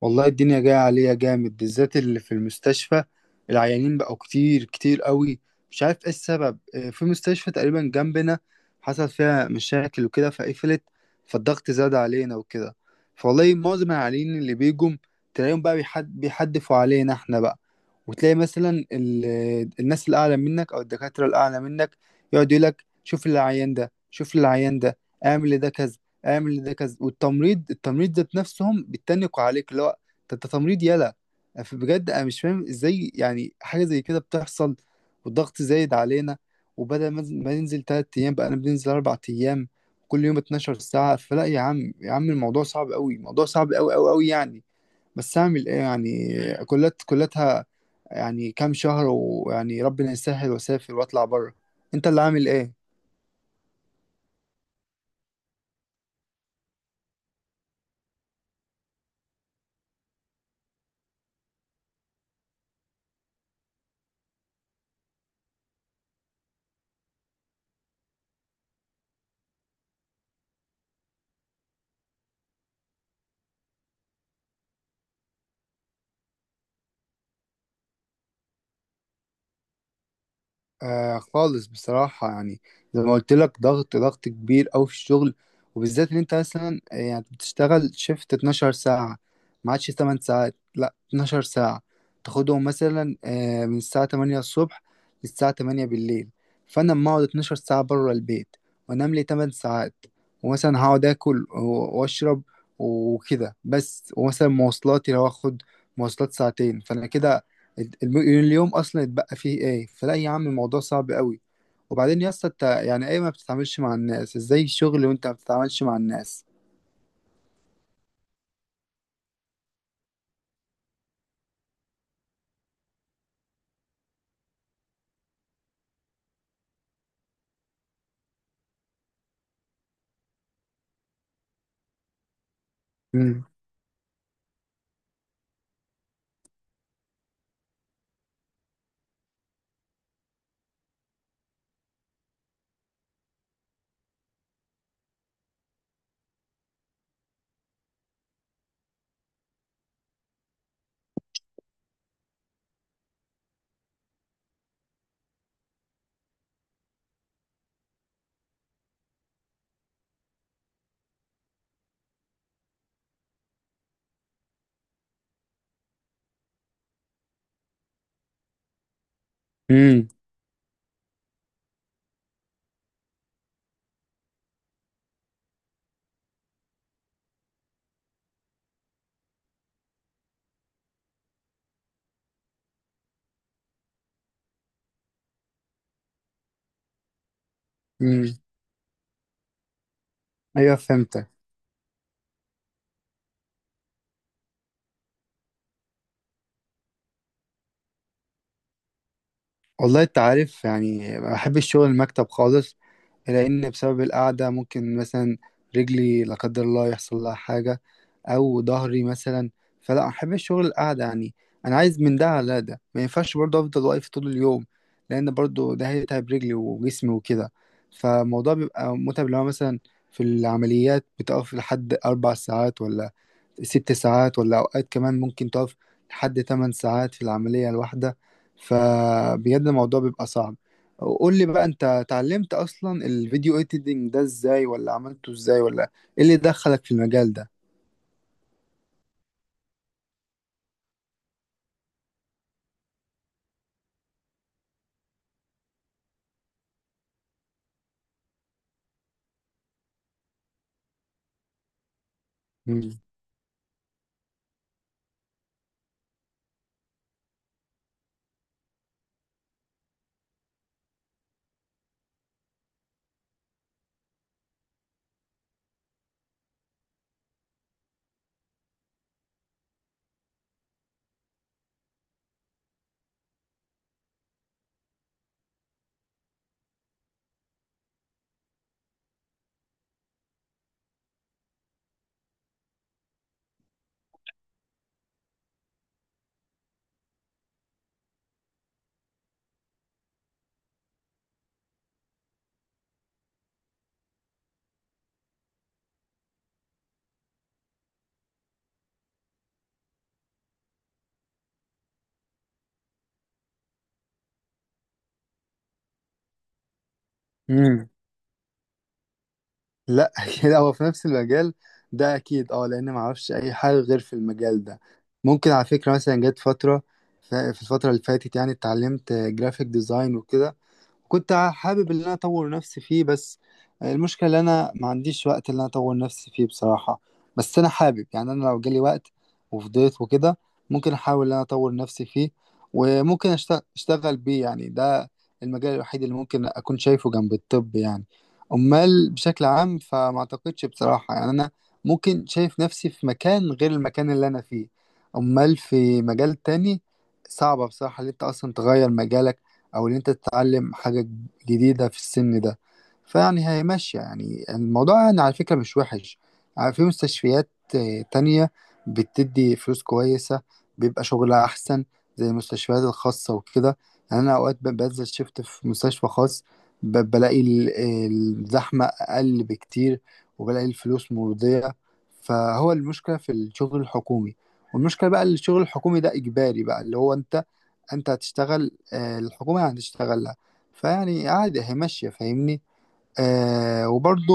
والله الدنيا جاية عليا جامد، بالذات اللي في المستشفى. العيانين بقوا كتير كتير قوي. مش عارف ايه السبب. في مستشفى تقريبا جنبنا حصل فيها مشاكل وكده فقفلت، فالضغط زاد علينا وكده. فوالله معظم العيانين اللي بيجوا تلاقيهم بقى بيحدفوا علينا احنا بقى. وتلاقي مثلا الناس الأعلى منك أو الدكاترة الأعلى منك يقعد يقول لك شوف العيان ده شوف العيان ده، اعمل ده كذا اعمل ده كذا. والتمريض ذات نفسهم بيتنقوا عليك، اللي هو ده انت تمريض يالا. بجد انا مش فاهم ازاي يعني حاجه زي كده بتحصل، والضغط زايد علينا. وبدل ما ننزل تلات ايام بقى انا بننزل اربع ايام، كل يوم 12 ساعه. فلا يا عم يا عم، الموضوع صعب قوي، الموضوع صعب قوي قوي قوي يعني. بس اعمل ايه يعني. كلاتها يعني كام شهر، ويعني ربنا يسهل واسافر واطلع بره. انت اللي عامل ايه؟ آه خالص بصراحة يعني. زي ما قلت لك ضغط كبير أوي في الشغل. وبالذات إن أنت مثلا، يعني بتشتغل شيفت 12 ساعة، ما عادش 8 ساعات، لأ 12 ساعة. تاخدهم مثلا من الساعة 8 الصبح للساعة 8 بالليل. فأنا لما أقعد 12 ساعة بره البيت، وأنام لي 8 ساعات، ومثلا هقعد آكل وأشرب وكده بس، ومثلا مواصلاتي لو آخد مواصلات ساعتين، فأنا كده اليوم اصلا اتبقى فيه ايه. فلا يا عم الموضوع صعب قوي. وبعدين يا اسطى، انت يعني ايه ما بتتعاملش مع الناس؟ ازاي الشغل وانت ما بتتعاملش مع الناس؟ امم. امم. امم. ايوه فهمتك. والله انت عارف يعني ما بحب الشغل المكتب خالص، لأن بسبب القعدة ممكن مثلا رجلي لا قدر الله يحصل لها حاجة، أو ظهري مثلا. فلا أحب الشغل القعدة يعني. أنا عايز من ده على ده، ما ينفعش برضه أفضل واقف طول اليوم، لأن برضه ده هيتعب رجلي وجسمي وكده. فالموضوع بيبقى متعب. لو مثلا في العمليات بتقف لحد أربع ساعات ولا ست ساعات، ولا أوقات كمان ممكن تقف لحد تمن ساعات في العملية الواحدة. فبجد الموضوع بيبقى صعب. قول لي بقى، أنت اتعلمت أصلا الفيديو إيديتنج ده إزاي، ولا عملته إزاي، ولا إيه اللي دخلك في المجال ده؟ مم. مم. لا كده هو في نفس المجال ده أكيد. أه لأن معرفش أي حاجة غير في المجال ده. ممكن على فكرة مثلا جت فترة، في الفترة اللي فاتت يعني اتعلمت جرافيك ديزاين وكده. كنت حابب ان انا اطور نفسي فيه، بس المشكله ان انا ما عنديش وقت ان انا اطور نفسي فيه بصراحه. بس انا حابب يعني، انا لو جالي وقت وفضيت وكده ممكن احاول ان انا اطور نفسي فيه، وممكن اشتغل بيه. يعني ده المجال الوحيد اللي ممكن اكون شايفه جنب الطب يعني. امال بشكل عام فما اعتقدش بصراحه، يعني انا ممكن شايف نفسي في مكان غير المكان اللي انا فيه؟ امال في مجال تاني؟ صعبة بصراحة اللي انت اصلا تغير مجالك، او ان انت تتعلم حاجة جديدة في السن ده. فيعني هي ماشية يعني، الموضوع يعني على فكرة مش وحش. في مستشفيات تانية بتدي فلوس كويسة، بيبقى شغلها أحسن، زي المستشفيات الخاصة وكده. يعني أنا أوقات بنزل شفت في مستشفى خاص، بلاقي الزحمة أقل بكتير، وبلاقي الفلوس مرضية. فهو المشكلة في الشغل الحكومي. والمشكلة بقى الشغل الحكومي ده إجباري بقى، اللي هو أنت انت هتشتغل، الحكومة هتشتغل لها. فيعني عادي هي ماشية، فاهمني. آه وبرضه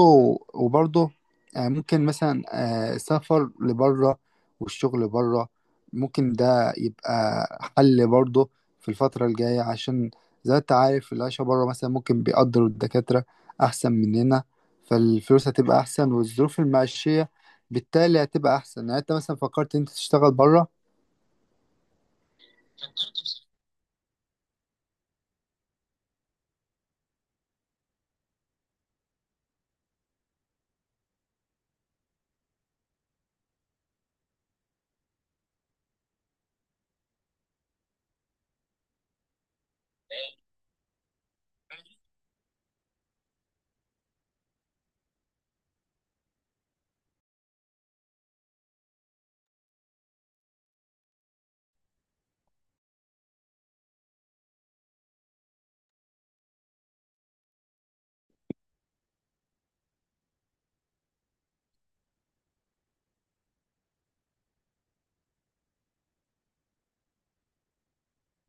وبرضه آه ممكن مثلا آه السفر لبره والشغل بره، ممكن ده يبقى حل برضه في الفترة الجاية، عشان زي ما انت عارف العيشة بره مثلا ممكن بيقدروا الدكاترة أحسن مننا. فالفلوس هتبقى أحسن، والظروف المعيشية بالتالي هتبقى أحسن. يعني انت مثلا فكرت انت تشتغل بره؟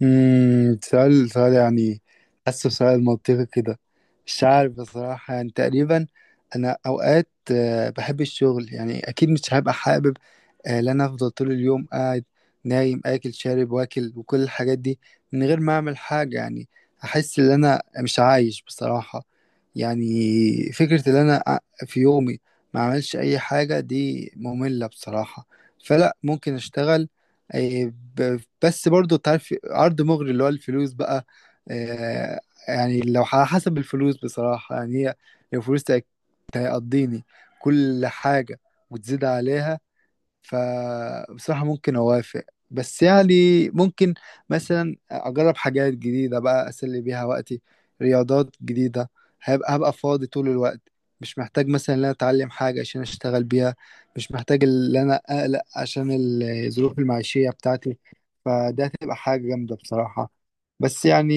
امم. سؤال يعني، حاسه سؤال منطقي كده. مش عارف بصراحة يعني. تقريبا أنا أوقات بحب الشغل يعني. أكيد مش هبقى حابب إن أنا أفضل طول اليوم قاعد نايم آكل شارب واكل وكل الحاجات دي من غير ما أعمل حاجة يعني. أحس إن أنا مش عايش بصراحة يعني. فكرة إن أنا في يومي ما أعملش أي حاجة دي مملة بصراحة. فلا ممكن أشتغل. إيه، بس برضو تعرف عرض مغري اللي هو الفلوس بقى. آه، يعني لو على حسب الفلوس بصراحة يعني، هي لو فلوس تقضيني كل حاجة وتزيد عليها، فبصراحة ممكن أوافق. بس يعني ممكن مثلا أجرب حاجات جديدة بقى أسلي بيها وقتي، رياضات جديدة. هبقى فاضي طول الوقت، مش محتاج مثلا إن أنا أتعلم حاجة عشان أشتغل بيها، مش محتاج إن أنا أقلق عشان الظروف المعيشية بتاعتي. فده هتبقى حاجة جامدة بصراحة. بس يعني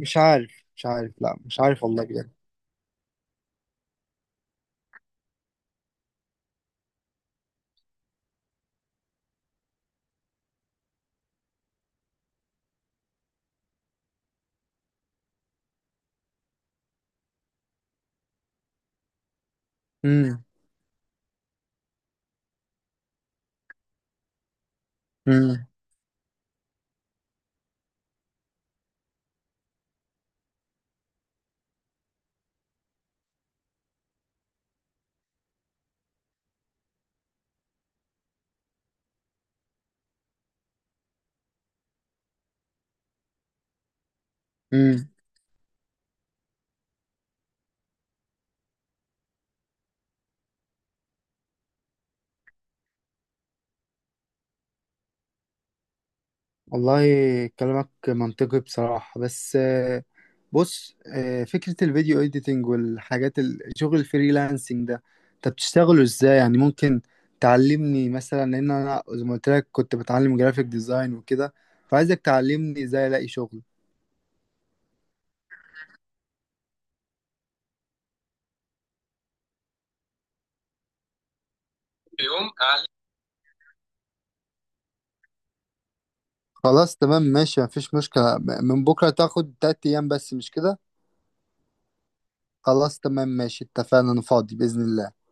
مش عارف لا مش عارف والله بجد. امم. امم. امم. والله كلامك منطقي بصراحة. بس بص، فكرة الفيديو اديتنج والحاجات شغل الفريلانسنج ده انت بتشتغله ازاي يعني؟ ممكن تعلمني مثلا؟ لان انا زي ما قلت لك كنت بتعلم جرافيك ديزاين وكده. فعايزك تعلمني ازاي الاقي شغل. يوم أع- خلاص تمام ماشي، مفيش مشكلة. من بكرة، تاخد تلات ايام بس مش كده. خلاص تمام ماشي اتفقنا، انا فاضي بإذن الله.